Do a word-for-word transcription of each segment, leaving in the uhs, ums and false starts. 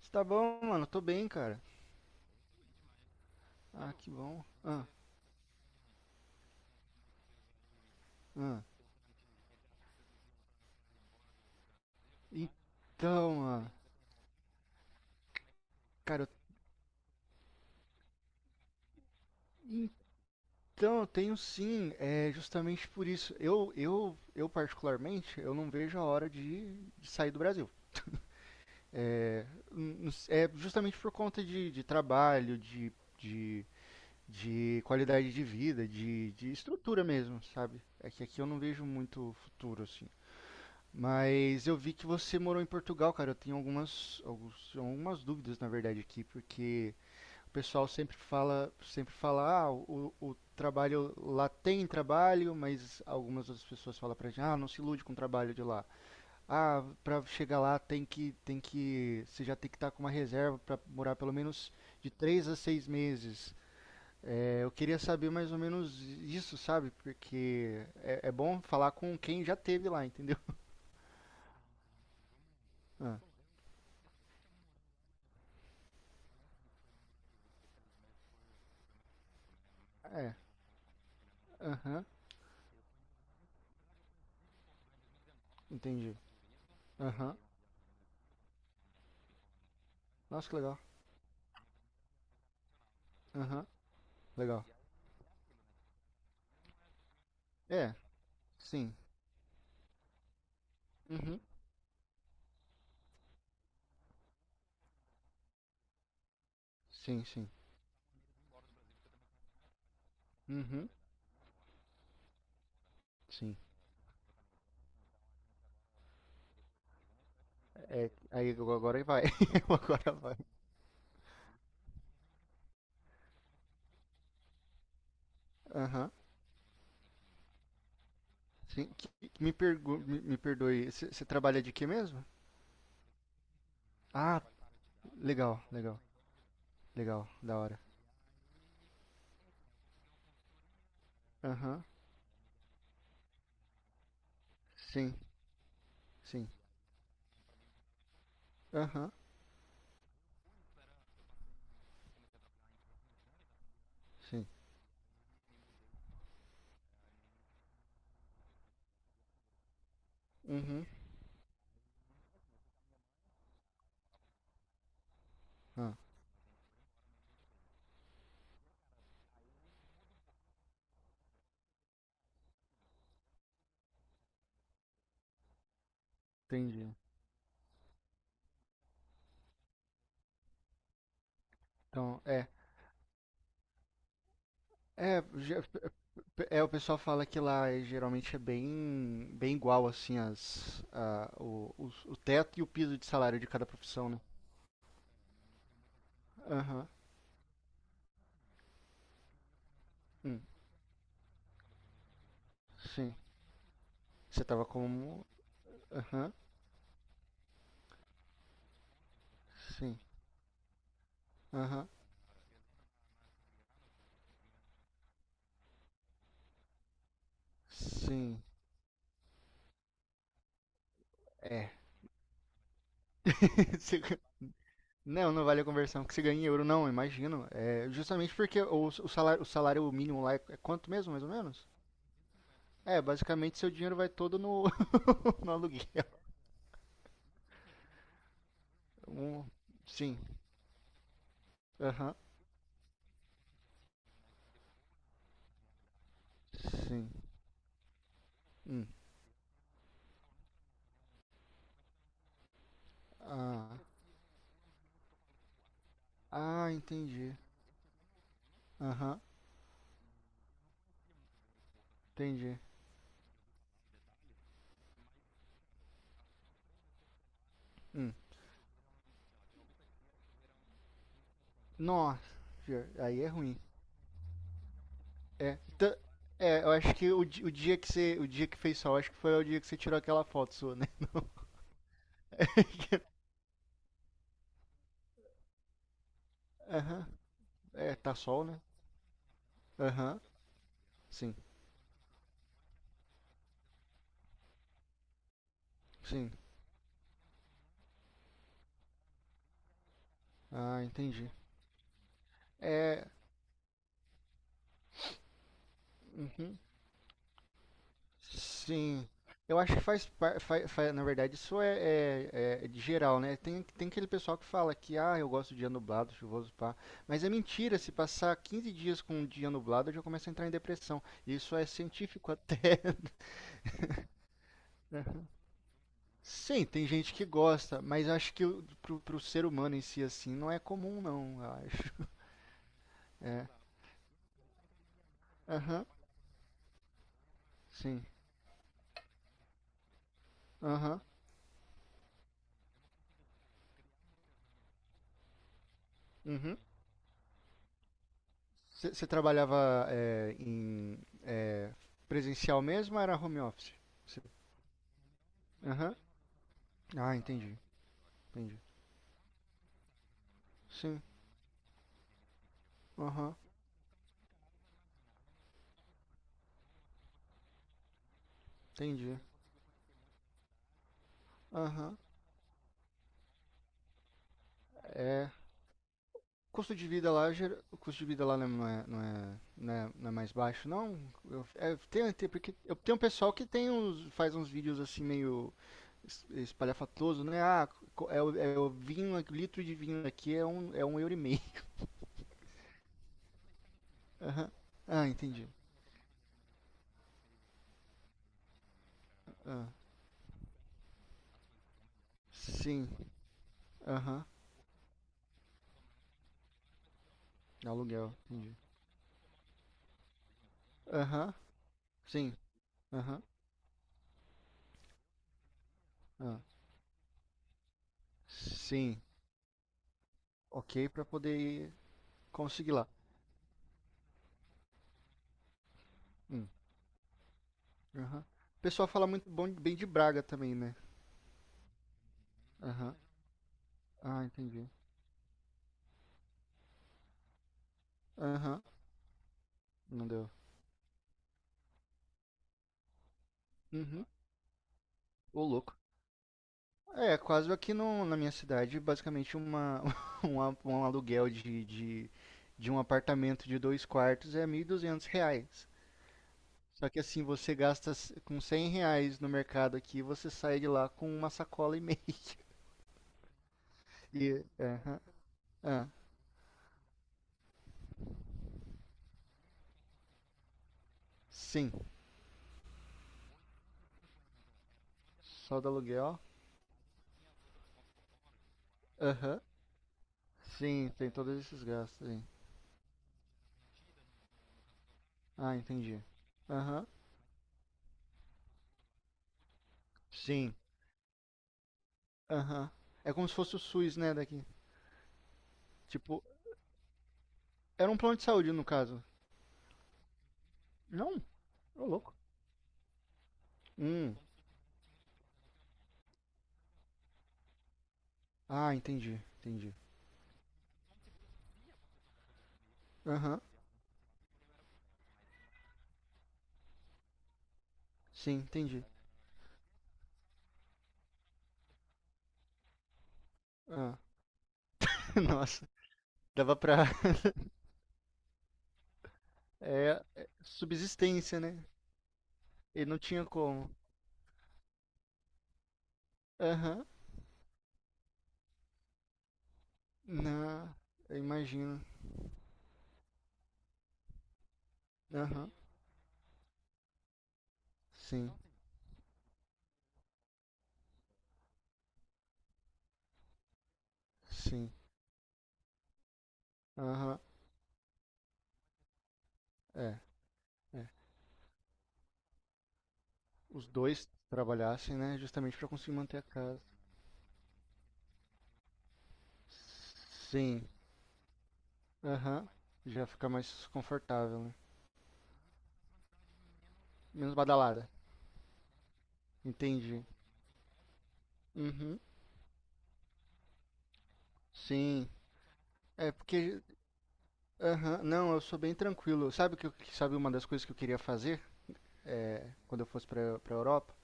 Você tá bom, mano? Tô bem, cara. Ah, que bom. Ah, ah. Então, mano. Cara, eu então, tenho sim. É justamente por isso. Eu, eu, eu particularmente, eu não vejo a hora de, de sair do Brasil. N- n- É justamente por conta de, de trabalho, de, de, de qualidade de vida, de, de estrutura mesmo, sabe? É que aqui eu não vejo muito futuro, assim. Mas eu vi que você morou em Portugal, cara. Eu tenho algumas, alguns- algumas dúvidas, na verdade, aqui, porque o pessoal sempre fala, sempre fala, ah, o, o trabalho lá tem trabalho, mas algumas outras pessoas falam pra gente, ah, não se ilude com o trabalho de lá. Ah, pra chegar lá tem que, tem que, você já tem que estar com uma reserva pra morar pelo menos de três a seis meses. É, eu queria saber mais ou menos isso, sabe? Porque é, é bom falar com quem já teve lá, entendeu? Ah, é, aham, entendi. Aham, nossa, que legal. Aham, legal. É, sim, uhum, sim, sim. Uhum. Sim. É, aí agora agora vai. Agora vai. Aham. Sim. Que- que- Me, pergu- me, me perdoe. Você trabalha de quê mesmo? Ah, legal, legal, legal, da hora. Aham. Sim, sim. Aham. Sim. Uhum. Ah, entendi. Então, é. É, ge- pe- é, o pessoal fala que lá é, geralmente é bem, bem igual, assim, as, a, o, os- o teto e o piso de salário de cada profissão, né? Aham. Hum, sim. Você tava como. Aham. Sim. Aham. Sim. É. Você gan- Não, não vale a conversão que você ganha em euro, não, imagino. É justamente porque o, o salário, o salário mínimo lá é, é quanto mesmo, mais ou menos? É, basicamente seu dinheiro vai todo no, no aluguel. Um- sim. Aham. Sim. Hum. Ah, ah, entendi. Aham. Entendi. Hum. Nossa, aí é ruim. É. tã- É, eu acho que o, di- o dia que você, o dia que fez sol, acho que foi o dia que você tirou aquela foto sua, né? Aham. É, tá sol, né? Aham, sim, sim. Ah, entendi. Uhum. Sim. Eu acho que faz, par- fa- fa- na verdade, isso é, é- é é de geral, né? Tem, tem aquele pessoal que fala que, ah, eu gosto de dia nublado, chuvoso, pá. Mas é mentira, se passar quinze dias com um dia nublado, eu já começo a entrar em depressão. Isso é científico até. Aham. Sim, tem gente que gosta, mas eu acho que o- pro, pro ser humano em si, assim, não é comum, não, eu acho. Aham, sim. Aham, uhum. Você trabalhava é, em é, presencial mesmo ou era home office? Cê- Aham. Ah, entendi. Entendi. Sim. Aham. Entendi. Aham. É. Custo de vida lá, gera- o custo de vida lá não é, não é, não é, não é- não é mais baixo, não? Eu, é, tem, tem, porque eu tenho um pessoal que tem uns, faz uns vídeos assim meio es- espalhafatoso, né? Ah, co- é o, é o vinho, aqui, o litro de vinho aqui é um, é um euro e meio. Aham. Ah, entendi. Ah, sim. Aham. Aluguel, entendi. Aham, sim. Aham, ah, sim. Ok, pra poder conseguir lá. Hum, aham. O pessoal fala muito bom, bem de Braga também, né? Aham. Ah, entendi. Aham, não deu. Uhum. Ô, louco. É, quase aqui no, na minha cidade, basicamente uma, um, a- um aluguel de, de, de um apartamento de dois quartos é mil e duzentos reais. Só que assim, você gasta s- com cem reais no mercado aqui, você sai de lá com uma sacola e meia. E, aham, ah, sim, só do aluguel. Aham, sim, tem todos esses gastos aí. Ah, entendi. Aham, sim, aham. É como se fosse o SUS, né, daqui. Tipo, era um plano de saúde no caso. Não, ô louco. Hum, ah, entendi, entendi. Aham, sim, entendi. Ah, nossa, dava pra. É, é subsistência, né? Ele não tinha como. Aham, não, eu imagino. Aham, sim, sim, aham, é. É, os dois trabalhassem, né? Justamente para conseguir manter a casa. Sim. Aham. Já fica mais confortável, né? Menos badalada. Entendi. Uhum. Sim. É porque. Aham. Não, eu sou bem tranquilo. Sabe o que eu- sabe uma das coisas que eu queria fazer quando eu fosse para pra Europa?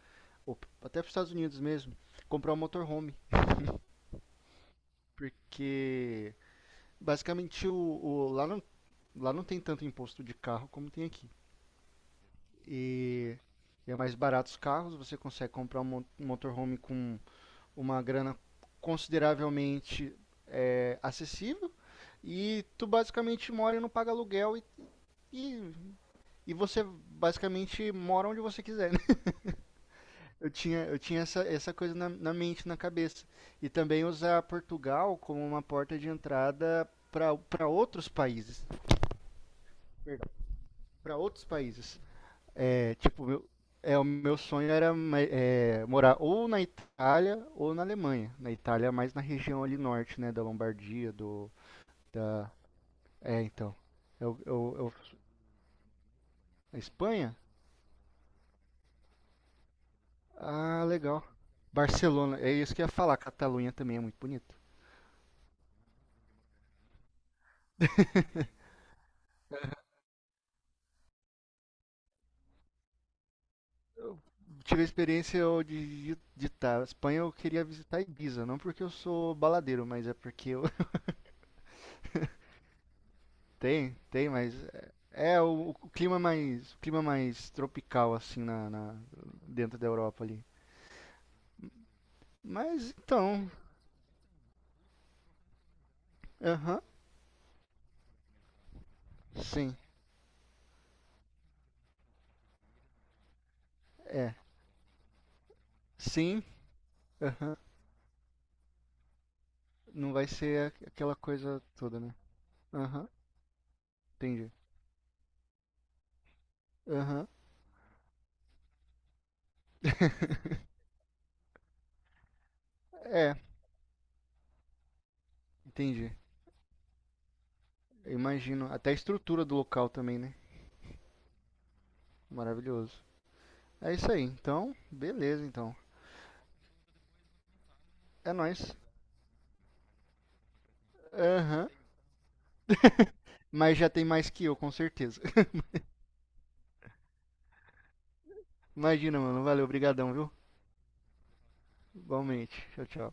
Ou p- até pros Estados Unidos mesmo? Comprar um motorhome. Porque basicamente o, o- lá, não, lá não tem tanto imposto de carro como tem aqui. E é mais barato os carros. Você consegue comprar um um motorhome com uma grana consideravelmente é, acessível e tu basicamente mora e não paga aluguel e, e, e você basicamente mora onde você quiser. Né? Eu tinha, eu tinha essa, essa coisa na, na mente, na cabeça. E também usar Portugal como uma porta de entrada para outros países. Para outros países. É, tipo, meu, é, o meu sonho era é, morar ou na Itália ou na Alemanha. Na Itália, mais na região ali norte, né? Da Lombardia, do. Da, é, então. Eu, eu, eu, a Espanha? Ah, legal. Barcelona, é isso que eu ia falar. Catalunha também é muito bonito. Tive a experiência eu, de, de, de tá, Espanha, eu queria visitar Ibiza. Não porque eu sou baladeiro, mas é porque eu, Tem, tem, mas é é o, o clima mais, o clima mais tropical assim na, na- dentro da Europa ali. Mas então, aham, sim, é, sim, aham, não vai ser a- aquela coisa toda, né? Aham, entendi. Aham, é, entendi. Eu imagino, até a estrutura do local também, né? Maravilhoso. É isso aí, então, beleza, então. É nóis. Aham, mas já tem mais que eu, com certeza. Imagina, mano, valeu, obrigadão, viu? Igualmente. Tchau, tchau.